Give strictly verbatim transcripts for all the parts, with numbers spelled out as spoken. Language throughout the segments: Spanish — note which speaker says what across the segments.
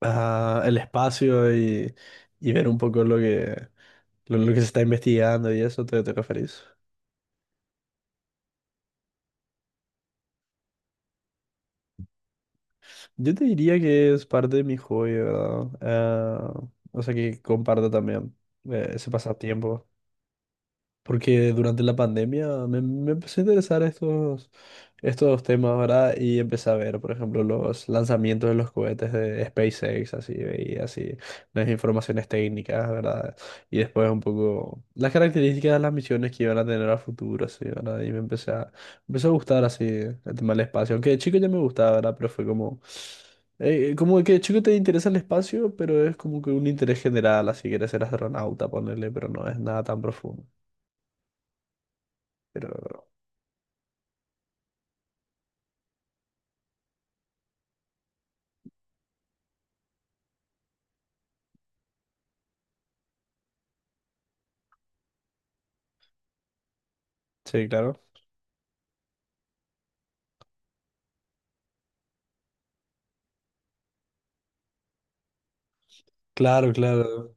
Speaker 1: ah, El espacio y, y ver un poco lo que, lo, lo que se está investigando y eso, ¿te, te referís? Yo te diría que es parte de mi hobby, ¿verdad? Ah, o sea que comparto también eh, ese pasatiempo. Porque durante la pandemia me, me empezó a interesar estos, estos temas, ¿verdad? Y empecé a ver, por ejemplo, los lanzamientos de los cohetes de SpaceX, así, y así, las informaciones técnicas, ¿verdad? Y después un poco las características de las misiones que iban a tener a futuro, así, ¿verdad? Y me empecé a, empezó a gustar así el tema del espacio, aunque de chico ya me gustaba, ¿verdad? Pero fue como, eh, como que de chico te interesa el espacio, pero es como que un interés general, así, quieres ser astronauta, ponerle, pero no es nada tan profundo. Pero sí, claro. Claro, claro.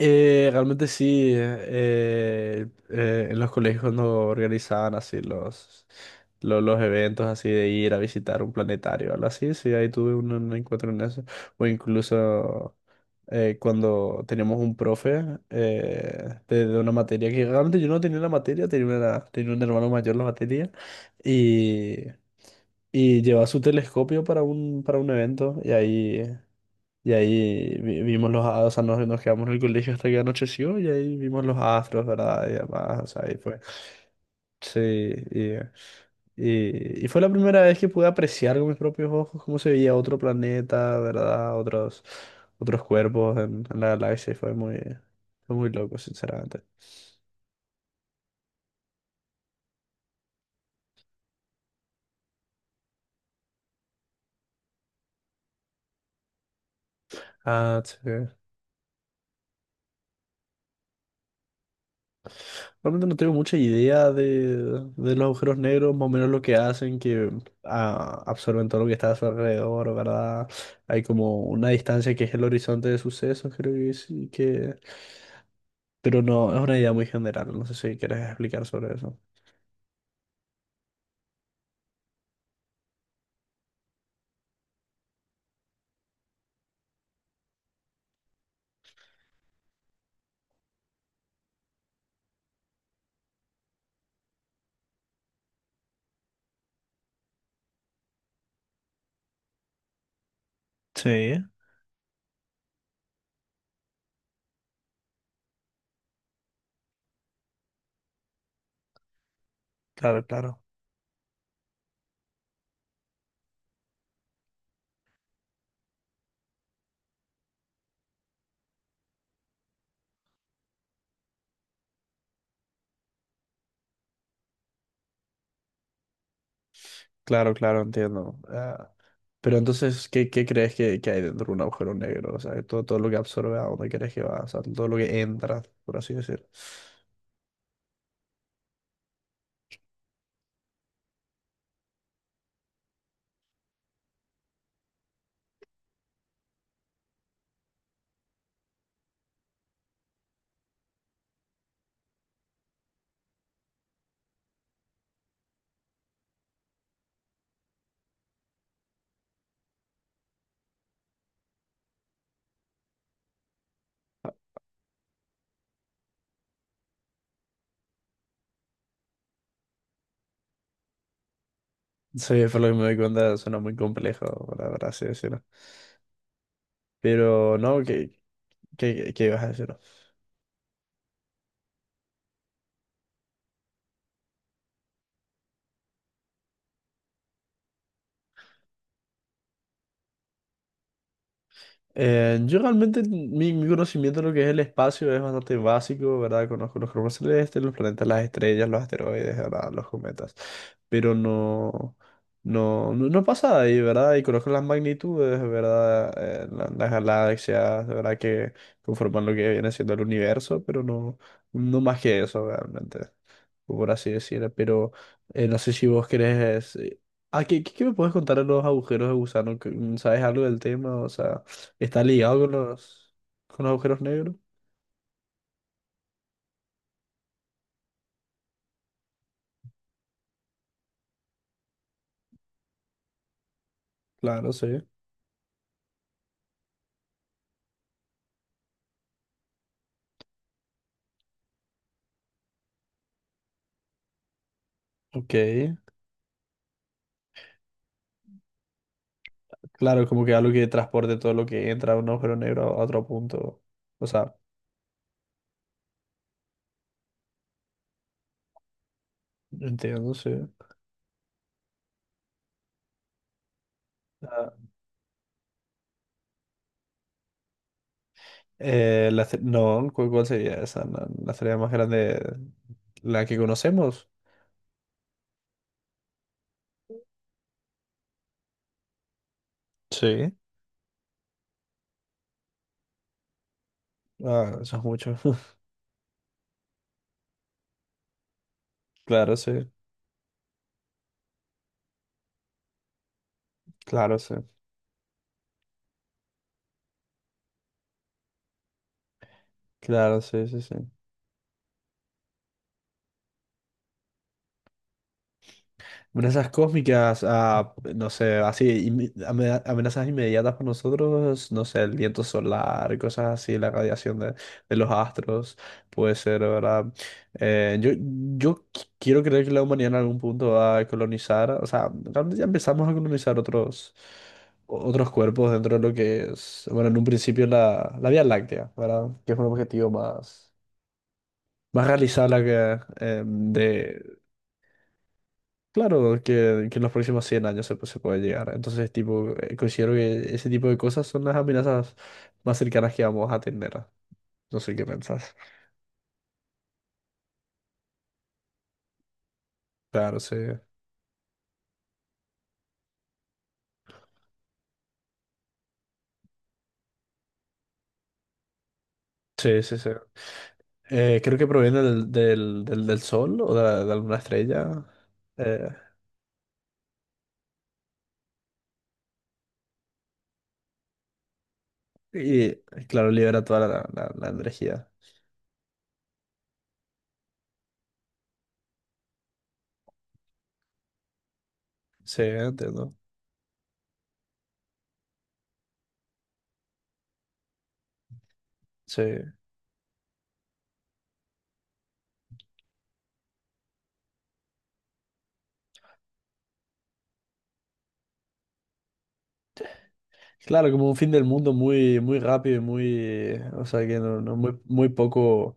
Speaker 1: Eh, realmente sí, eh, eh, en los colegios cuando organizaban así los, lo- los, eventos así de ir a visitar un planetario, algo así, sí, ahí tuve un, un encuentro en eso. O incluso eh, cuando teníamos un profe eh, de, de una materia que realmente yo no tenía la materia, tenía, una- tenía un hermano mayor la materia y, y llevaba su telescopio para un, para un evento y ahí... Y ahí vi- vimos los astros, o sea, nos, nos quedamos en el colegio hasta que anocheció y ahí vimos los astros, ¿verdad? Y demás, o sea, ahí fue. Sí, y, y, y fue la primera vez que pude apreciar con mis propios ojos cómo se veía otro planeta, ¿verdad? Otros, otros cuerpos en, en la galaxia y fue muy, fue muy loco, sinceramente. Ah, sí. Realmente no tengo mucha idea de, de los agujeros negros, más o menos lo que hacen, que ah, absorben todo lo que está a su alrededor, ¿verdad? Hay como una distancia que es el horizonte de sucesos, creo que sí, que... Pero no, es una idea muy general, no sé si quieres explicar sobre eso. Sí, claro, claro. Claro, claro, entiendo. Ah, pero entonces, ¿qué, qué crees que, que hay dentro de un agujero negro? O sea, todo, todo lo que absorbe, ¿a dónde crees que va? O sea, todo lo que entra, por así decir. Sí, por lo que me doy cuenta, suena muy complejo, para así decirlo. Pero no, ¿qué, qué, qué ibas a decir? Eh, yo realmente mi, mi conocimiento de lo que es el espacio es bastante básico, ¿verdad? Conozco los cuerpos celestes, los planetas, las estrellas, los asteroides, ¿verdad? Los cometas, pero no, no, no, no pasa de ahí, ¿verdad? Y conozco las magnitudes, ¿verdad? Eh, la- las galaxias, ¿verdad? Que conforman lo que viene siendo el universo, pero no, no más que eso, realmente, por así decirlo. Pero eh, no sé si vos querés... eh, ah, ¿qué, qué qué me puedes contar de los agujeros de gusano? ¿Qué- ¿Sabes algo del tema? O sea... Está ligado con los, con los agujeros negros. Claro, sí. Ok. Claro, como que algo que transporte todo lo que entra de un agujero negro a otro punto. O sea, entiendo, sí. Ah, eh, la ce- no, ¿cu- ¿cuál sería esa? La, la estrella más grande, la que conocemos. Sí. Ah, eso es mucho. Claro, sí. Claro, sí. Claro, sí, sí, sí. Amenazas cósmicas, ah, no sé, así, inme- ame- amenazas inmediatas para nosotros, no sé, el viento solar, cosas así, la radiación de, de los astros, puede ser, ¿verdad? Eh, yo, yo qui- quiero creer que la humanidad en algún punto va a colonizar, o sea, realmente ya empezamos a colonizar otros, otros cuerpos dentro de lo que es, bueno, en un principio la, la Vía Láctea, ¿verdad? Que es un objetivo más, más realizable que, eh, de, Claro, que, que en los próximos cien años se, se puede llegar. Entonces, tipo, eh, considero que ese tipo de cosas son las amenazas más cercanas que vamos a tener. No sé qué pensás. Claro, sí. Sí, sí, sí. Eh, creo que proviene del, del, del, del sol o de, la- de alguna estrella. Eh, y, claro, libera toda la, la, la energía. Sí, entiendo. Sí. Claro, como un fin del mundo muy, muy rápido y muy, o sea, que no, no muy, muy poco,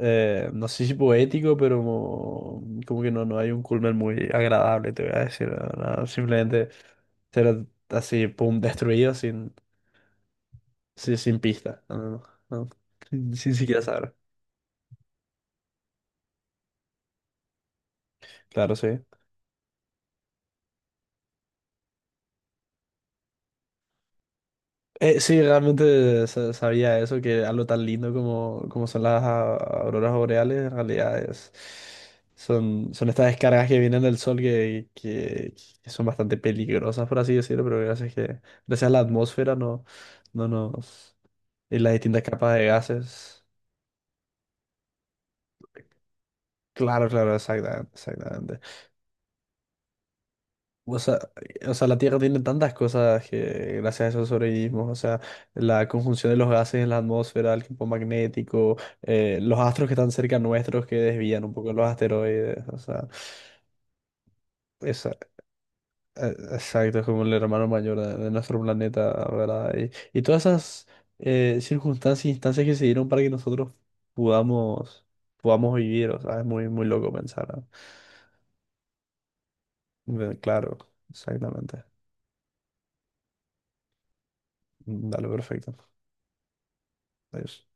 Speaker 1: eh, no sé si poético, pero como, como que no, no hay un culmen muy agradable, te voy a decir, no, no, simplemente ser así, pum, destruido sin, sin, sin pista, no, no, no, sin, sin siquiera saber. Claro, sí. Eh, sí, realmente sa- sabía eso, que algo tan lindo como, como son las a- auroras boreales, en realidad es, son, son estas descargas que vienen del sol que, que, que son bastante peligrosas, por así decirlo, pero gracias que, gracias a la atmósfera no, no nos, y las distintas capas de gases. Claro, claro, exactamente, exactamente. O sea, o sea, la Tierra tiene tantas cosas que gracias a eso sobrevivimos. O sea, la conjunción de los gases en la atmósfera, el campo magnético, eh, los astros que están cerca nuestros que desvían un poco los asteroides. O sea, esa- eh, exacto, es como el hermano mayor de, de nuestro planeta, ¿verdad? Y, y todas esas eh, circunstancias e instancias que se dieron para que nosotros podamos, podamos vivir. O sea, es muy, muy loco pensar. ¿No? Ve- Claro, exactamente. Dale, perfecto. Adiós.